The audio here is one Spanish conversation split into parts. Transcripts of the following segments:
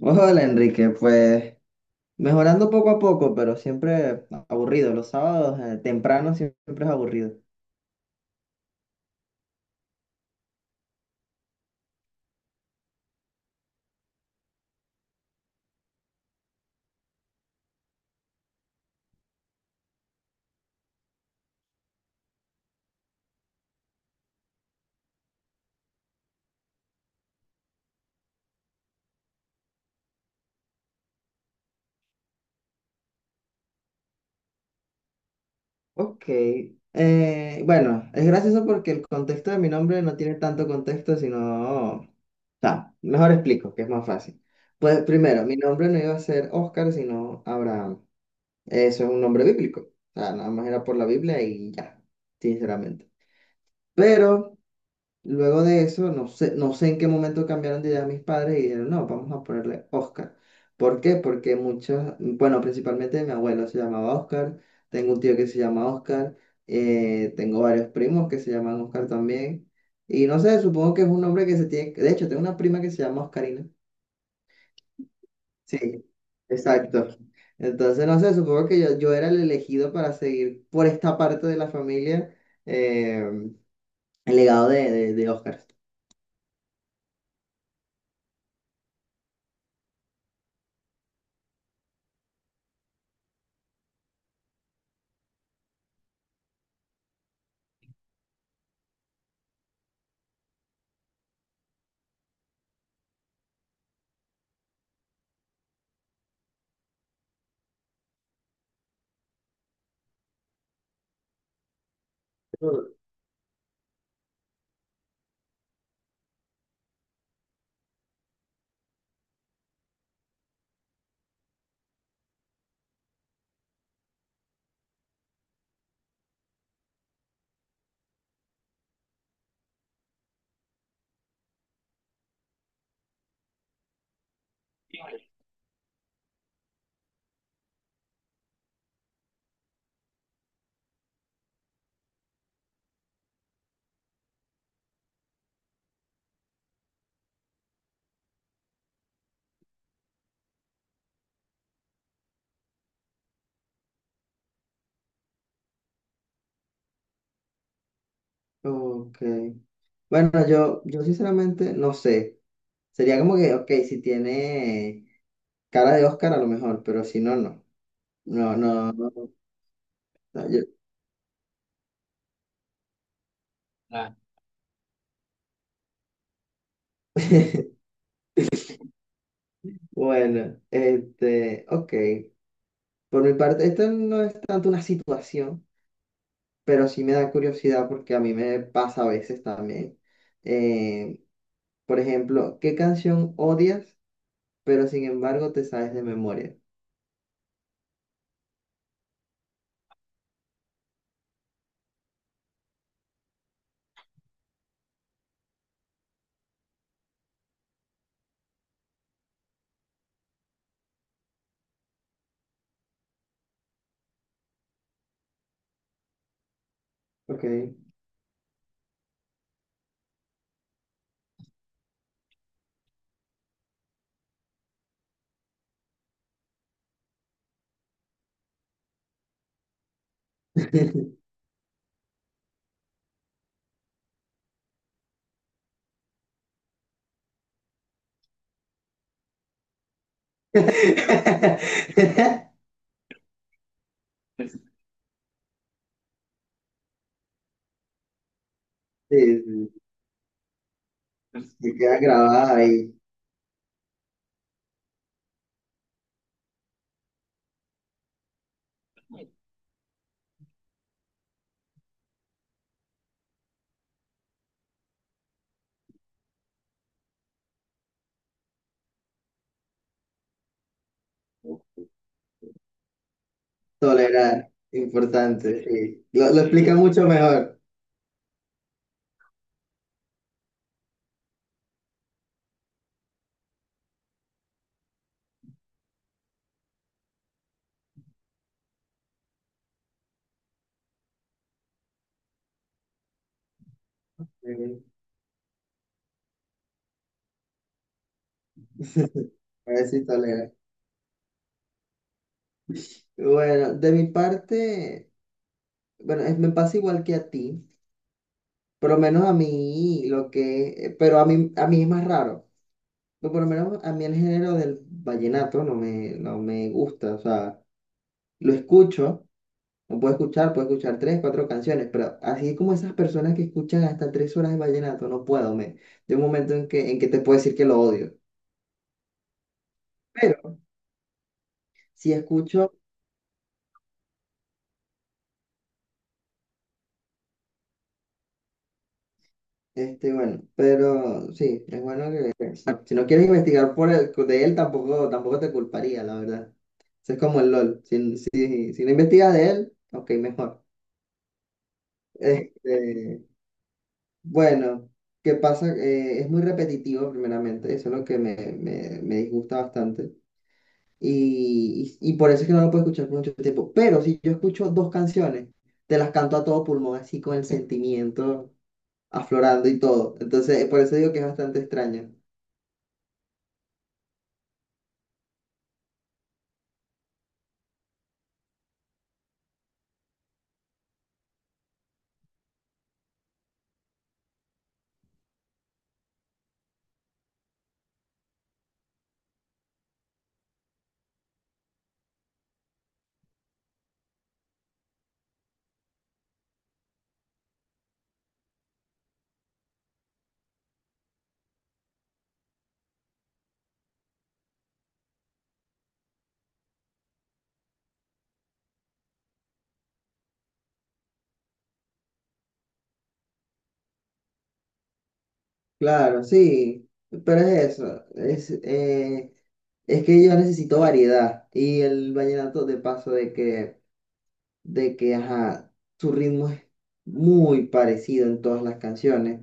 Hola Enrique, pues mejorando poco a poco, pero siempre aburrido. Los sábados temprano siempre es aburrido. Ok, bueno, es gracioso porque el contexto de mi nombre no tiene tanto contexto, sino... O sea, mejor explico, que es más fácil. Pues primero, mi nombre no iba a ser Oscar, sino Abraham. Eso es un nombre bíblico. O sea, nada más era por la Biblia y ya, sinceramente. Pero... Luego de eso, no sé, no sé en qué momento cambiaron de idea mis padres y dijeron, no, vamos a ponerle Oscar. ¿Por qué? Porque muchos, bueno, principalmente mi abuelo se llamaba Oscar, tengo un tío que se llama Oscar, tengo varios primos que se llaman Oscar también. Y no sé, supongo que es un nombre que se tiene, de hecho, tengo una prima que se llama Oscarina. Sí, exacto. Entonces, no sé, supongo que yo era el elegido para seguir por esta parte de la familia, eh, el legado de Oscar. Ok. Bueno, yo sinceramente no sé. Sería como que, ok, si tiene cara de Oscar a lo mejor, pero si no, no. No, no, no. No, No, yo- Ah. Bueno, este, ok. Por mi parte, esto no es tanto una situación, pero sí me da curiosidad porque a mí me pasa a veces también. Eh, por ejemplo, ¿qué canción odias, pero sin embargo te sabes de memoria? Ok. Sí, sí, se queda grabada ahí. Tolerar, importante. Sí. Lo explica mucho mejor. Sí, a ver si tolera. Bueno, de mi parte, bueno, me pasa igual que a ti. Por lo menos a mí, lo que, pero a mí es más raro. Pero por lo menos a mí el género del vallenato no me gusta. O sea, lo escucho. No puedo escuchar, puedo escuchar tres, cuatro canciones, pero así como esas personas que escuchan hasta tres horas de vallenato, no puedo, me. De un momento en que te puedo decir que lo odio. Pero si escucho, este, bueno, pero sí, es bueno que, si no quieres investigar por de él, tampoco, tampoco te culparía, la verdad. Eso es como el LOL. Si, si no investigas de él, ok, mejor. Este, bueno, ¿qué pasa? Es muy repetitivo, primeramente, eso es lo que me disgusta bastante. Y por eso es que no lo puedo escuchar por mucho tiempo. Pero si yo escucho dos canciones, te las canto a todo pulmón, así con el sentimiento aflorando y todo. Entonces, por eso digo que es bastante extraño. Claro, sí, pero es eso. Es que yo necesito variedad. Y el vallenato, de paso, ajá, su ritmo es muy parecido en todas las canciones,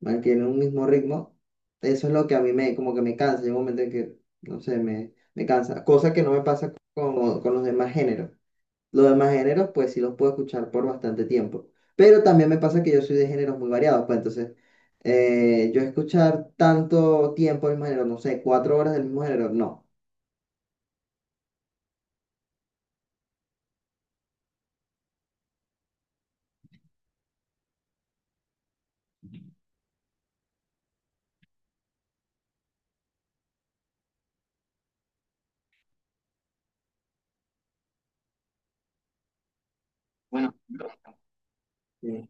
mantiene un mismo ritmo. Eso es lo que a mí me, como que me cansa, llega un momento en que, no sé, me cansa, cosa que no me pasa con los demás géneros. Los demás géneros, pues sí los puedo escuchar por bastante tiempo, pero también me pasa que yo soy de géneros muy variados, pues entonces, yo escuchar tanto tiempo el mismo género, no sé, cuatro horas del mismo género, no. Sí.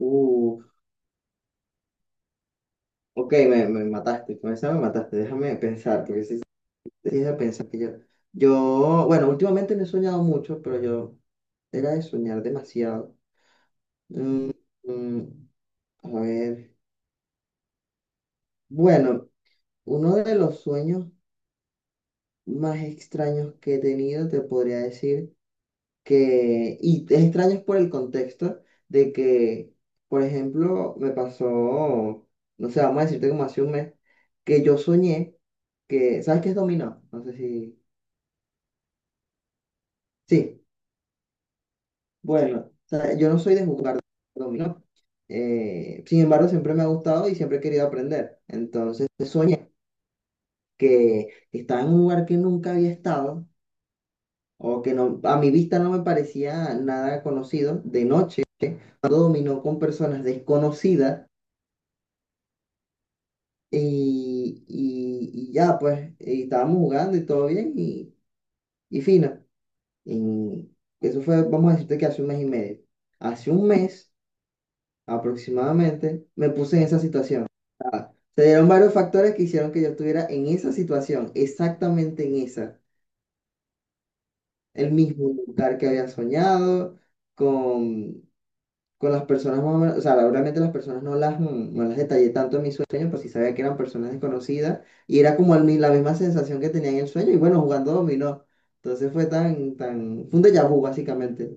Uh, ok, me mataste, con esa me mataste, déjame pensar, porque sí déjame pensar que yo, bueno, últimamente no he soñado mucho, pero yo era de soñar demasiado. Mm, mm, a ver, bueno, uno de los sueños más extraños que he tenido, te podría decir que, y es extraño por el contexto de que, por ejemplo, me pasó, no sé, vamos a decirte como hace un mes, que yo soñé que, ¿sabes qué es dominó? No sé si, sí, bueno, o sea, yo no soy de jugar dominó. Sin embargo, siempre me ha gustado y siempre he querido aprender. Entonces, soñé que estaba en un lugar que nunca había estado o que no, a mi vista no me parecía nada conocido de noche, jugando dominó con personas desconocidas y ya, pues, y estábamos jugando y todo bien y fino. Y eso fue, vamos a decirte que hace un mes y medio. Hace un mes aproximadamente, me puse en esa situación. Ah, se dieron varios factores que hicieron que yo estuviera en esa situación, exactamente en esa, el mismo lugar que había soñado, con, con las personas más o menos, o sea, realmente las personas no las, mm, no las detallé tanto en mis sueños, pues sí sabía que eran personas desconocidas, y era como la misma sensación que tenía en el sueño, y bueno, jugando dominó. Entonces fue fue un déjà vu básicamente.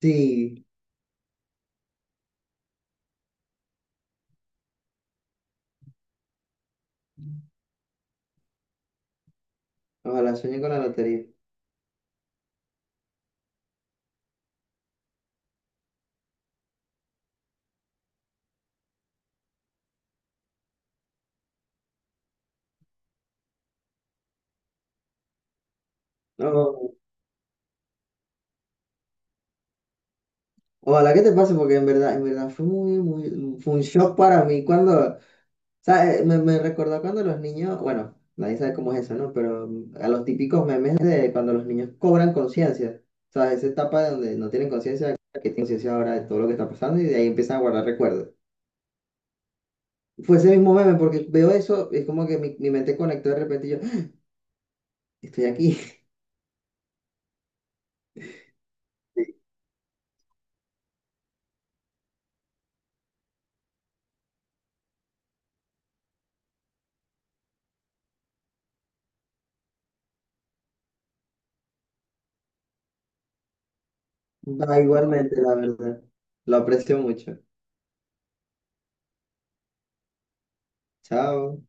Sí, ojalá sueñe con la lotería. No. Ojalá que te pase, porque en verdad fue muy, fue un shock para mí cuando, o sea, me recordó cuando los niños, bueno, nadie sabe cómo es eso, ¿no? Pero mm, a los típicos memes de cuando los niños cobran conciencia, ¿sabes? Esa etapa donde no tienen conciencia, que tienen conciencia ahora de todo lo que está pasando y de ahí empiezan a guardar recuerdos. Fue ese mismo meme, porque veo eso, es como que mi mente conectó de repente y yo, "Ah, estoy aquí. Va igualmente, la verdad. Lo aprecio mucho. Chao.